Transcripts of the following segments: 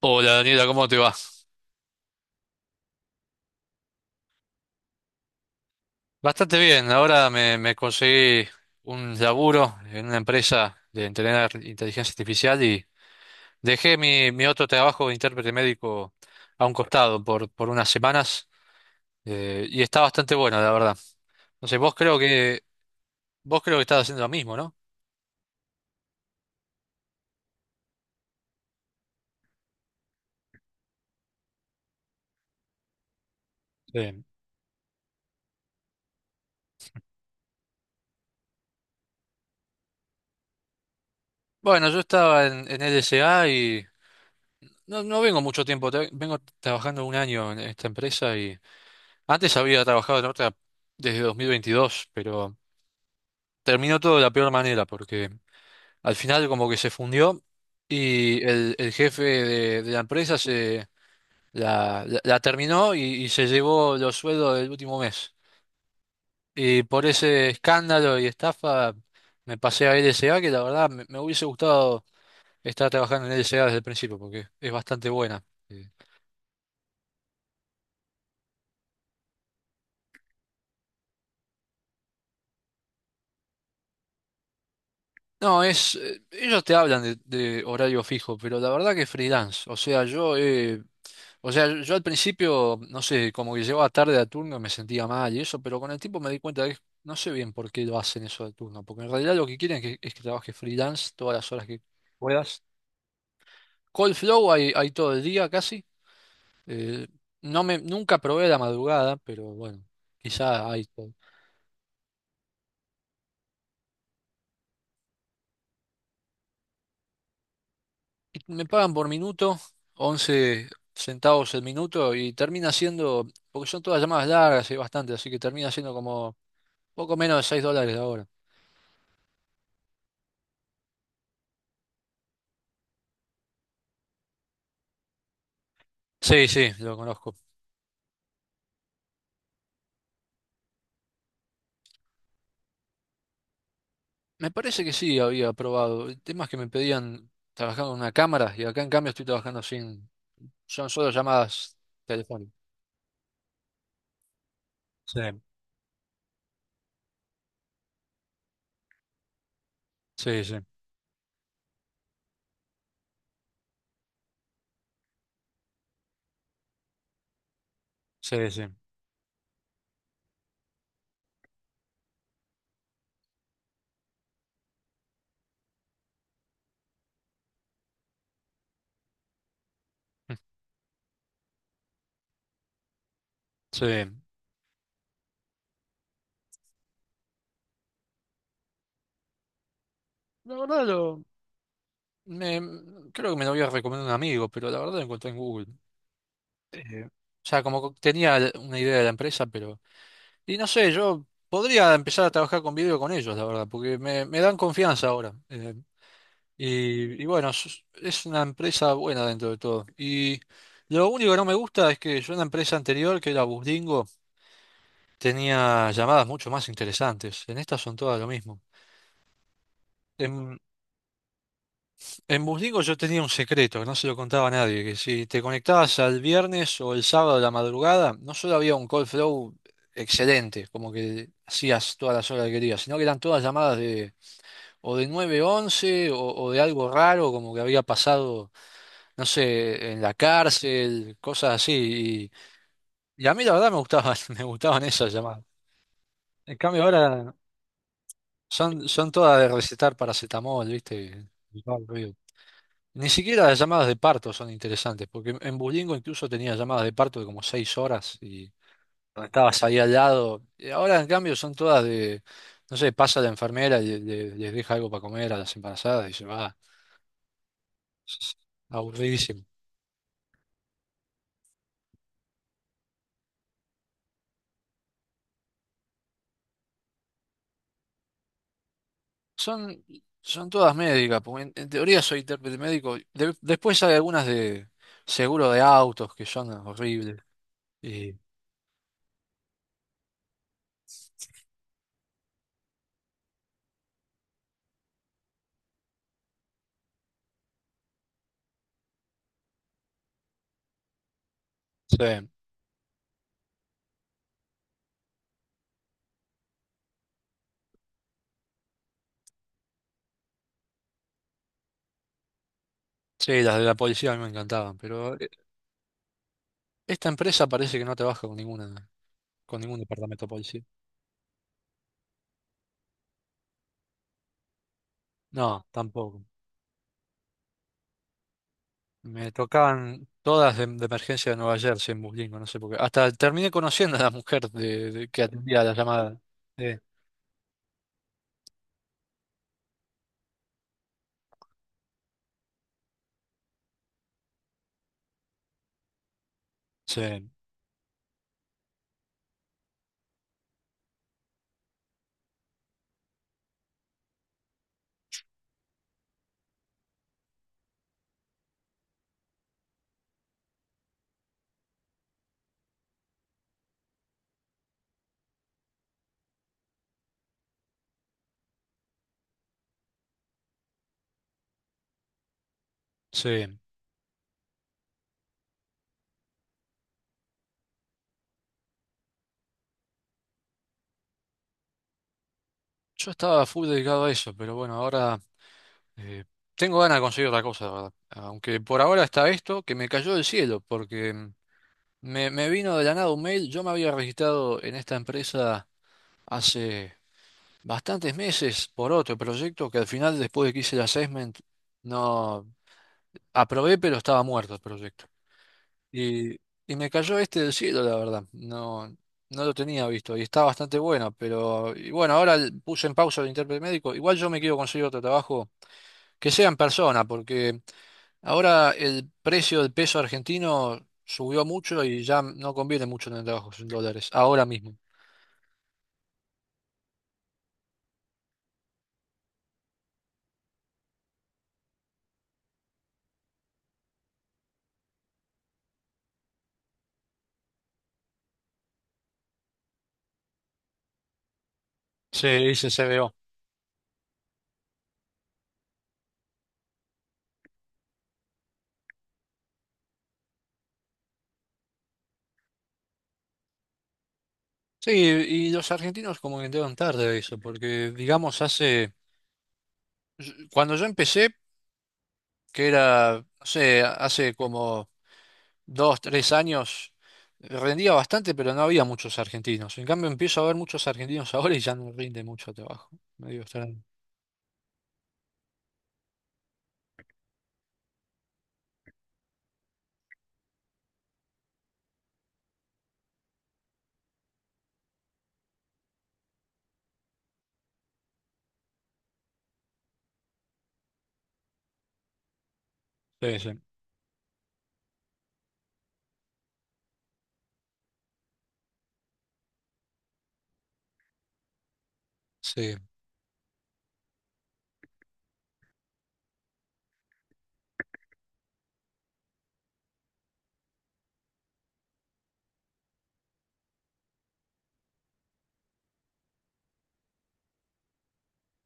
Hola Daniela, ¿cómo te va? Bastante bien, ahora me conseguí un laburo en una empresa de entrenar inteligencia artificial y dejé mi otro trabajo de intérprete médico a un costado por unas semanas, y está bastante bueno, la verdad. Entonces vos creo que estás haciendo lo mismo, ¿no? Sí. Bueno, yo estaba en LSA y no vengo mucho tiempo, vengo trabajando un año en esta empresa y antes había trabajado en otra desde 2022, pero terminó todo de la peor manera, porque al final como que se fundió y el jefe de la empresa se la terminó y se llevó los sueldos del último mes. Y por ese escándalo y estafa me pasé a LSA, que la verdad me hubiese gustado estar trabajando en LSA desde el principio, porque es bastante buena. Eh, No, ellos te hablan de horario fijo, pero la verdad que freelance. O sea, yo he O sea, yo al principio, no sé, como que llegaba tarde a turno y me sentía mal y eso, pero con el tiempo me di cuenta de que no sé bien por qué lo hacen eso de turno, porque en realidad lo que quieren es que trabajes freelance todas las horas que puedas. Cold flow hay todo el día casi. Eh, nunca probé la madrugada, pero bueno, quizá hay todo. Y me pagan por minuto, 11 centavos el minuto, y termina siendo, porque son todas llamadas largas y bastante, así que termina siendo como poco menos de 6 dólares la hora. Sí, sí, lo conozco. Me parece que sí había probado temas que me pedían trabajando con una cámara y acá en cambio estoy trabajando sin. Son solo llamadas telefónicas. Sí, sí, sí, sí, sí. Sí. La verdad lo. Creo que me lo había recomendado un amigo, pero la verdad lo encontré en Google. O sea, como que tenía una idea de la empresa, pero. Y no sé, yo podría empezar a trabajar con video con ellos, la verdad, porque me dan confianza ahora. Y bueno, es una empresa buena dentro de todo. Y lo único que no me gusta es que yo en la empresa anterior, que era Busdingo, tenía llamadas mucho más interesantes. En estas son todas lo mismo. En, en Busdingo yo tenía un secreto que no se lo contaba a nadie, que si te conectabas al viernes o el sábado de la madrugada, no solo había un call flow excelente, como que hacías todas las horas que querías, sino que eran todas llamadas de o de 911 o de algo raro, como que había pasado. No sé, en la cárcel, cosas así. Y a mí la verdad me gustaban, me gustaban esas llamadas. En cambio ahora son todas de recetar paracetamol, ¿viste? Y va al río. Ni siquiera las llamadas de parto son interesantes, porque en Bulingo incluso tenía llamadas de parto de como seis horas y estabas ahí al lado. Y ahora en cambio son todas de, no sé, pasa la enfermera y les deja algo para comer a las embarazadas y se va. Es Aburridísimo. Son, son todas médicas, porque en teoría soy intérprete médico. Después hay algunas de seguro de autos que son horribles. Y, sí, sí, las de la policía a mí me encantaban, pero esta empresa parece que no trabaja con con ningún departamento de policía. No, tampoco. Me tocaban todas de emergencia de Nueva Jersey en Buslingo, no sé por qué. Hasta terminé conociendo a la mujer que atendía la llamada. Sí, sí, sí. Yo estaba full dedicado a eso, pero bueno, ahora. Eh, tengo ganas de conseguir otra cosa, la verdad. Aunque por ahora está esto que me cayó del cielo, porque me vino de la nada un mail. Yo me había registrado en esta empresa hace bastantes meses por otro proyecto que al final, después de que hice el assessment, no aprobé, pero estaba muerto el proyecto. Y, y me cayó este del cielo, la verdad. No, no lo tenía visto y está bastante bueno, pero y bueno, ahora puse en pausa el intérprete médico. Igual yo me quiero conseguir otro trabajo que sea en persona, porque. Ahora el precio del peso argentino subió mucho y ya no conviene mucho tener trabajos en dólares, ahora mismo. Se dice CBO. Sí, y los argentinos como que entraron tarde a eso, porque digamos hace, cuando yo empecé, que era, no sé, hace como dos, tres años, rendía bastante, pero no había muchos argentinos. En cambio empiezo a ver muchos argentinos ahora y ya no rinde mucho trabajo. Medio extraño. Sí, sí. Sí.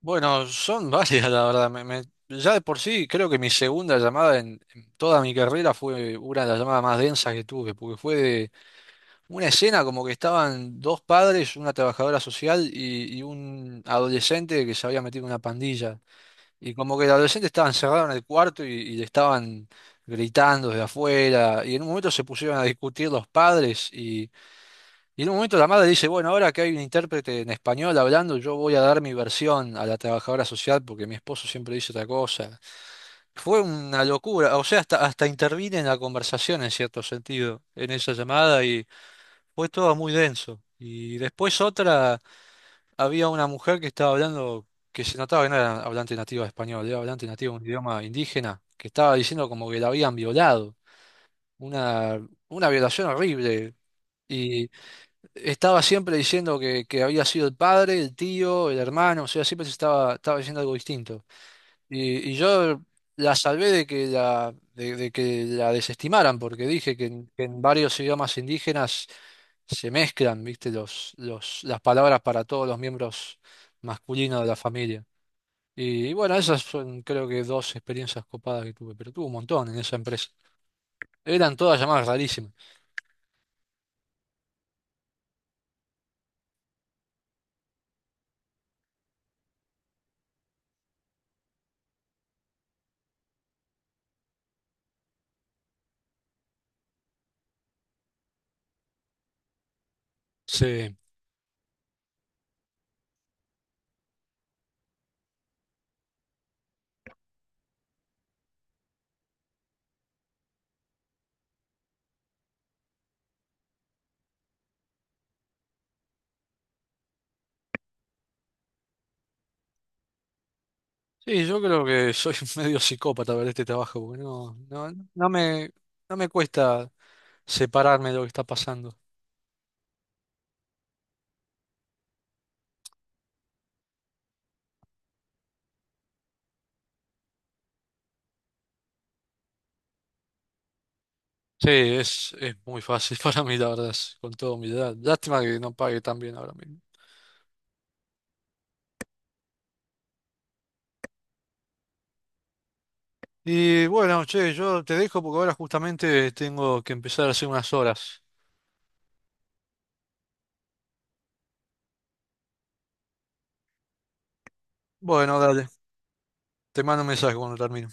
Bueno, son varias, la verdad. Ya de por sí, creo que mi segunda llamada en toda mi carrera fue una de las llamadas más densas que tuve, porque fue de una escena como que estaban dos padres, una trabajadora social y un adolescente que se había metido en una pandilla. Y como que el adolescente estaba encerrado en el cuarto y le estaban gritando desde afuera. Y en un momento se pusieron a discutir los padres y en un momento la madre dice, bueno, ahora que hay un intérprete en español hablando, yo voy a dar mi versión a la trabajadora social porque mi esposo siempre dice otra cosa. Fue una locura, o sea, hasta, hasta intervine en la conversación en cierto sentido, en esa llamada y fue todo muy denso. Y después otra, había una mujer que estaba hablando, que se notaba que no era hablante nativa de español, era hablante nativa de un idioma indígena, que estaba diciendo como que la habían violado, una, una violación horrible. Y estaba siempre diciendo que había sido el padre, el tío, el hermano, o sea, siempre se estaba, estaba diciendo algo distinto. Y yo la salvé de que de que la desestimaran, porque dije que en varios idiomas indígenas se mezclan, viste, las palabras para todos los miembros masculinos de la familia. Y bueno, esas son creo que dos experiencias copadas que tuve, pero tuve un montón en esa empresa. Eran todas llamadas rarísimas. Sí. Sí, yo creo que soy medio psicópata para este trabajo, porque no no me cuesta separarme de lo que está pasando. Sí, es muy fácil para mí, la verdad, es con toda humildad. Lástima que no pague tan bien ahora mismo. Y bueno, che, yo te dejo porque ahora justamente tengo que empezar a hacer unas horas. Bueno, dale, te mando un mensaje cuando termine.